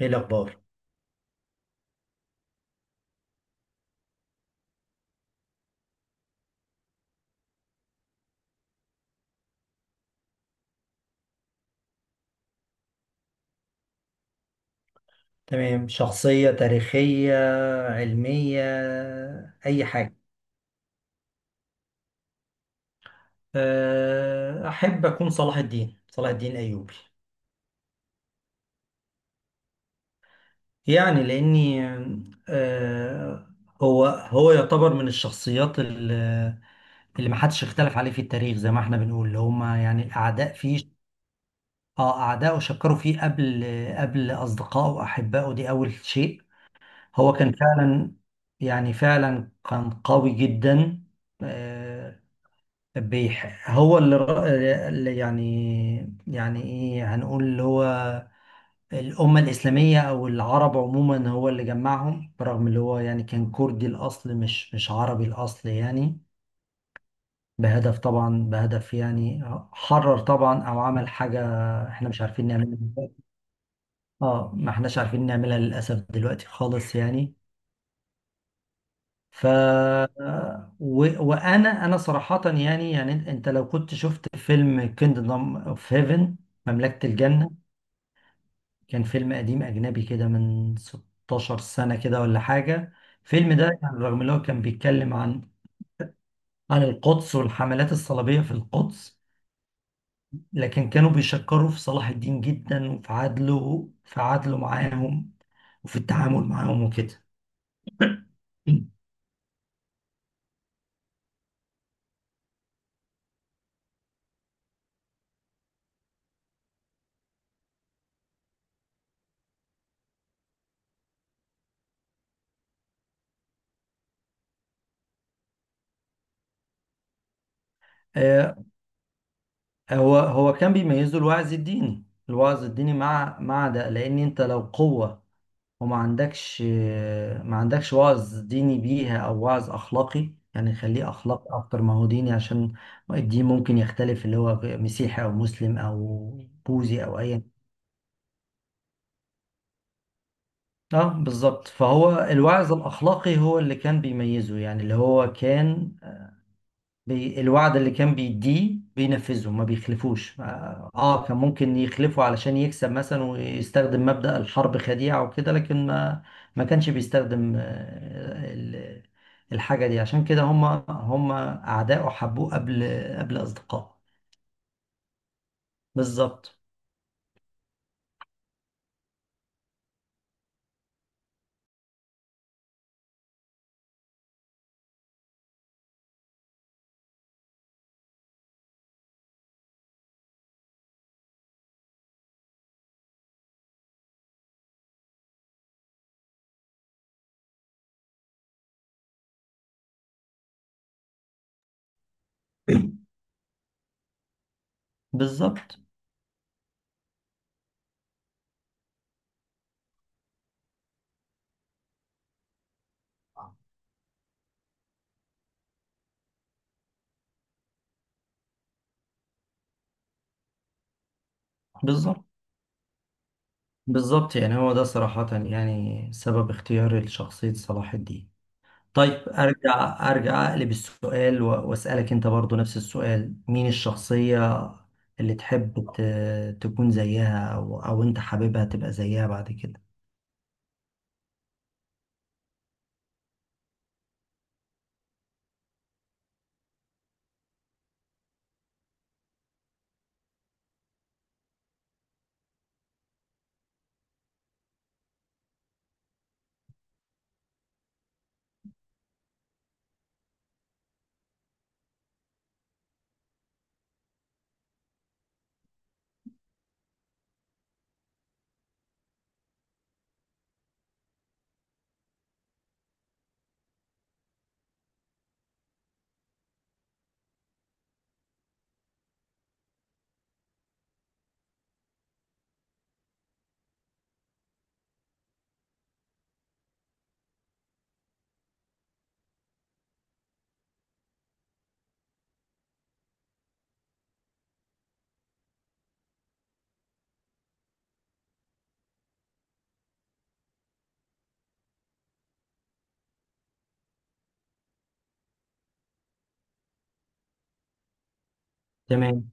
ايه الاخبار؟ تمام. شخصية تاريخية، علمية، اي حاجة. احب اكون صلاح الدين، صلاح الدين الايوبي. يعني لاني أه، هو يعتبر من الشخصيات اللي ما حدش اختلف عليه في التاريخ، زي ما احنا بنقول اللي هما يعني الاعداء فيه. اه، اعدائه شكروا فيه قبل اصدقائه واحبائه. دي اول شيء. هو كان فعلا، يعني فعلا كان قوي جدا. آه، هو اللي اللي يعني ايه هنقول اللي هو الأمة الإسلامية أو العرب عموما، هو اللي جمعهم، برغم اللي هو يعني كان كردي الأصل، مش عربي الأصل يعني. بهدف طبعا، بهدف يعني حرر طبعا أو عمل حاجة احنا مش عارفين نعملها. اه، ما احناش عارفين نعملها للأسف دلوقتي خالص يعني. ف وانا صراحة، يعني أنت لو كنت شفت فيلم كيندم اوف هيفن، مملكة الجنة. كان فيلم قديم اجنبي كده من 16 سنة كده ولا حاجة. الفيلم ده يعني رغم ان هو كان بيتكلم عن القدس والحملات الصليبية في القدس، لكن كانوا بيشكروا في صلاح الدين جدا، وفي عدله، في عدله معاهم وفي التعامل معاهم وكده. آه، هو كان بيميزه الوعظ الديني، الوعظ الديني، مع ده لان انت لو قوة وما عندكش ما عندكش وعظ ديني بيها او وعظ اخلاقي، يعني خليه اخلاقي اكتر ما هو ديني، عشان الدين ممكن يختلف اللي هو مسيحي او مسلم او بوذي او ايا. اه، بالظبط، فهو الوعظ الاخلاقي هو اللي كان بيميزه يعني، اللي هو كان الوعد اللي كان بيديه بينفذه، ما بيخلفوش. اه، كان ممكن يخلفه علشان يكسب مثلا ويستخدم مبدأ الحرب خديعة وكده، لكن ما، ما كانش بيستخدم الحاجة دي. عشان كده هم أعداءه حبوه قبل أصدقائه. بالظبط، بالظبط، بالظبط، بالظبط. يعني هو ده صراحة يعني سبب اختياري لشخصية صلاح الدين. طيب ارجع، ارجع اقلب السؤال واسالك انت برضو نفس السؤال، مين الشخصيه اللي تحب تكون زيها، او انت حاببها تبقى زيها بعد كده. تمام.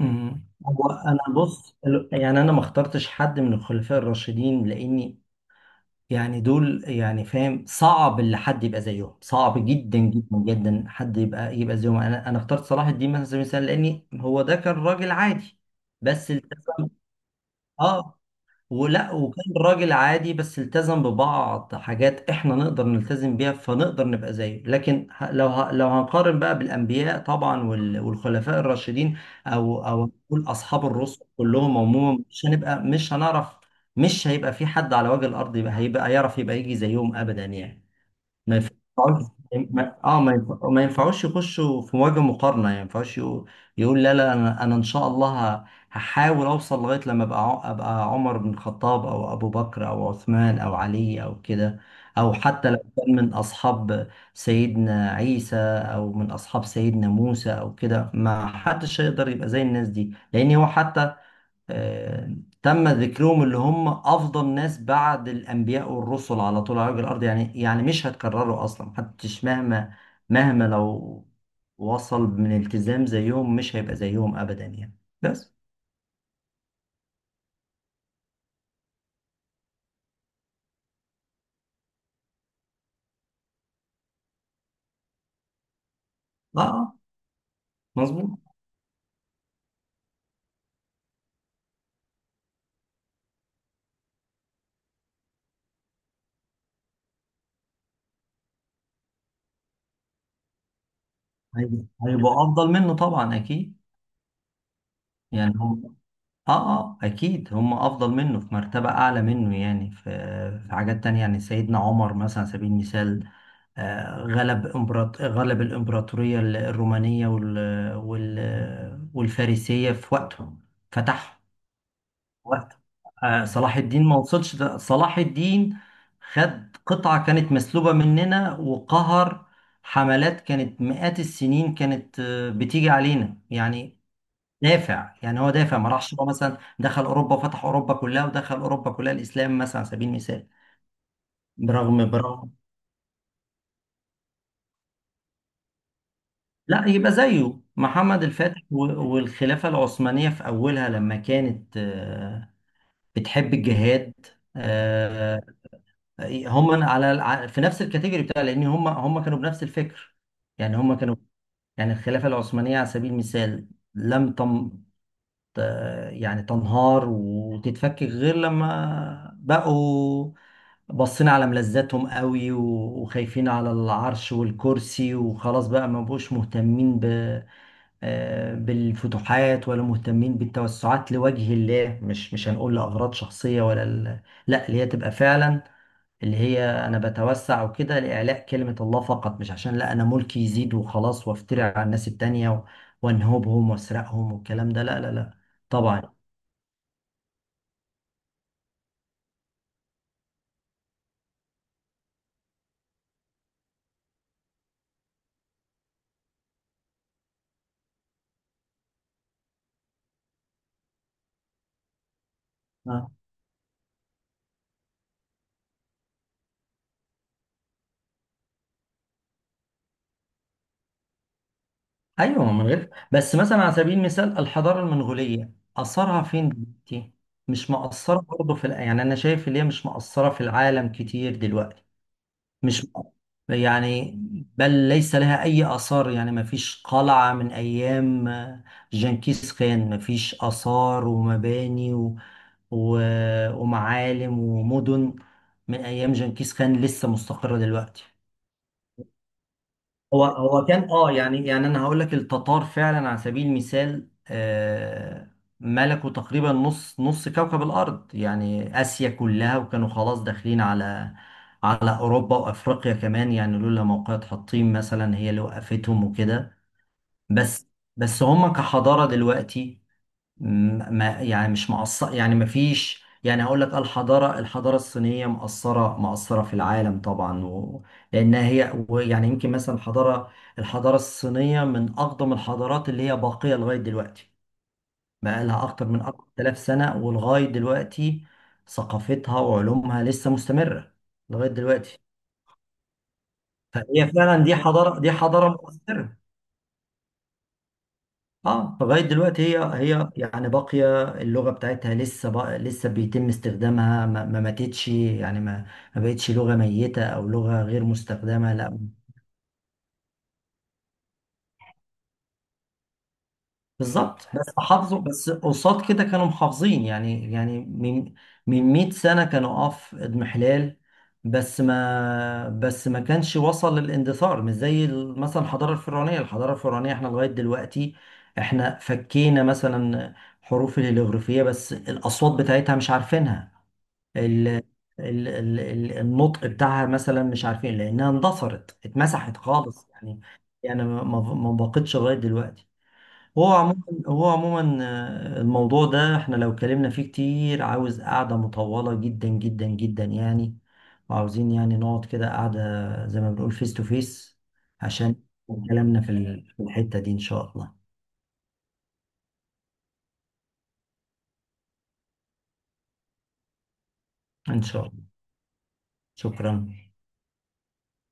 هو انا بص، يعني انا ما اخترتش حد من الخلفاء الراشدين لاني، يعني دول يعني، فاهم، صعب اللي حد يبقى زيهم، صعب جدا جدا جدا حد يبقى زيهم. انا اخترت صلاح الدين مثلا على سبيل المثال لاني هو ده كان راجل عادي. بس، اه ولا وكان راجل عادي بس التزم ببعض حاجات احنا نقدر نلتزم بيها، فنقدر نبقى زيه. لكن لو هنقارن بقى بالانبياء طبعا والخلفاء الراشدين، او نقول اصحاب الرسل كلهم عموما، مش هنبقى، مش هنعرف. مش هيبقى في حد على وجه الارض يبقى، هيبقى يعرف يبقى يجي زيهم ابدا يعني. ما ينفعوش، ما ينفعوش يخشوا في مواجهة مقارنة يعني، ما ينفعوش يقول لا، لا، انا ان شاء الله ه... هحاول اوصل لغاية لما ابقى عمر بن الخطاب او ابو بكر او عثمان او علي او كده، او حتى لو كان من اصحاب سيدنا عيسى او من اصحاب سيدنا موسى او كده. ما حدش هيقدر يبقى زي الناس دي، لان هو حتى آه، تم ذكرهم، اللي هم افضل ناس بعد الانبياء والرسل على طول على وجه الارض يعني. يعني مش هتكرروا اصلا، محدش مهما لو وصل من التزام زيهم مش هيبقى زيهم ابدا يعني. بس اه آه، مظبوط، هيبقوا افضل منه طبعا اكيد. يعني هم، اه اه اكيد هم افضل منه، في مرتبة اعلى منه يعني، في في حاجات تانية. يعني سيدنا عمر مثلا على سبيل المثال غلب الإمبراطورية الرومانية والفارسية في وقته. فتح وقته. صلاح الدين ما وصلش ده. صلاح الدين خد قطعة كانت مسلوبة مننا، وقهر حملات كانت مئات السنين كانت بتيجي علينا يعني. دافع يعني، هو دافع، ما راحش هو مثلا دخل أوروبا وفتح أوروبا كلها ودخل أوروبا كلها الإسلام مثلا على سبيل المثال. برغم. لا، يبقى زيه محمد الفاتح والخلافة العثمانية في أولها لما كانت بتحب الجهاد. آه، هم على في نفس الكاتيجوري بتاع، لأن هم كانوا بنفس الفكر. يعني هم كانوا، يعني الخلافة العثمانية على سبيل المثال لم تم ت- يعني تنهار وتتفكك غير لما بقوا بصينا على ملذاتهم قوي، وخايفين على العرش والكرسي وخلاص. بقى ما بقوش مهتمين ب، بالفتوحات، ولا مهتمين بالتوسعات لوجه الله. مش هنقول لأغراض شخصية لا، اللي هي تبقى فعلا اللي هي أنا بتوسع وكده لإعلاء كلمة الله فقط، مش عشان لا، أنا ملكي يزيد وخلاص وأفترع على الناس التانية وأنهبهم وأسرقهم والكلام ده. لا، لا، لا. طبعا. آه. أيوه، من غير. بس مثلا على سبيل المثال الحضارة المنغولية أثرها فين دلوقتي؟ مش مقصرة برضه في يعني أنا شايف اللي هي مش مقصرة في العالم كتير دلوقتي. مش، يعني بل ليس لها أي آثار يعني. ما فيش قلعة من أيام جنكيز خان، ما فيش آثار ومباني و... ومعالم ومدن من أيام جنكيز خان لسه مستقرة دلوقتي. هو كان اه، يعني انا هقول لك، التتار فعلا على سبيل المثال ملكوا تقريبا نص كوكب الارض، يعني اسيا كلها، وكانوا خلاص داخلين على على اوروبا وافريقيا كمان يعني، لولا موقعة حطين مثلا هي اللي وقفتهم وكده. بس بس هم كحضارة دلوقتي ما، يعني مش مقصر يعني، ما فيش. يعني هقول لك الحضارة، الحضارة الصينية مقصرة، مقصرة في العالم طبعا، لأنها هي، ويعني يمكن مثلا الحضارة، الحضارة الصينية من أقدم الحضارات اللي هي باقية لغاية دلوقتي، بقى لها أكتر من 4000 سنة ولغاية دلوقتي ثقافتها وعلومها لسه مستمرة لغاية دلوقتي. فهي فعلا، دي حضارة، دي حضارة مؤثرة. اه، لغايه دلوقتي هي يعني باقيه، اللغه بتاعتها لسه بقى لسه بيتم استخدامها، ما ماتتش يعني، ما بقتش لغه ميته او لغه غير مستخدمه لا. بالظبط. بس حافظوا، بس قصاد كده كانوا محافظين يعني، يعني من 100 سنة كانوا اه في اضمحلال، بس ما كانش وصل للاندثار. مش زي مثلا الحضارة الفرعونية، الحضارة الفرعونية احنا لغاية دلوقتي احنا فكينا مثلا حروف الهيروغليفية، بس الأصوات بتاعتها مش عارفينها. ال النطق بتاعها مثلا مش عارفين لأنها اندثرت اتمسحت خالص يعني. يعني ما بقتش لغاية دلوقتي. هو عموما هو عموما الموضوع ده احنا لو اتكلمنا فيه كتير عاوز قعدة مطولة جدا جدا جدا يعني، وعاوزين يعني نقعد كده قعدة زي ما بنقول فيس تو فيس، عشان كلامنا في في الحتة دي ان شاء الله. ان شاء الله. شكرا.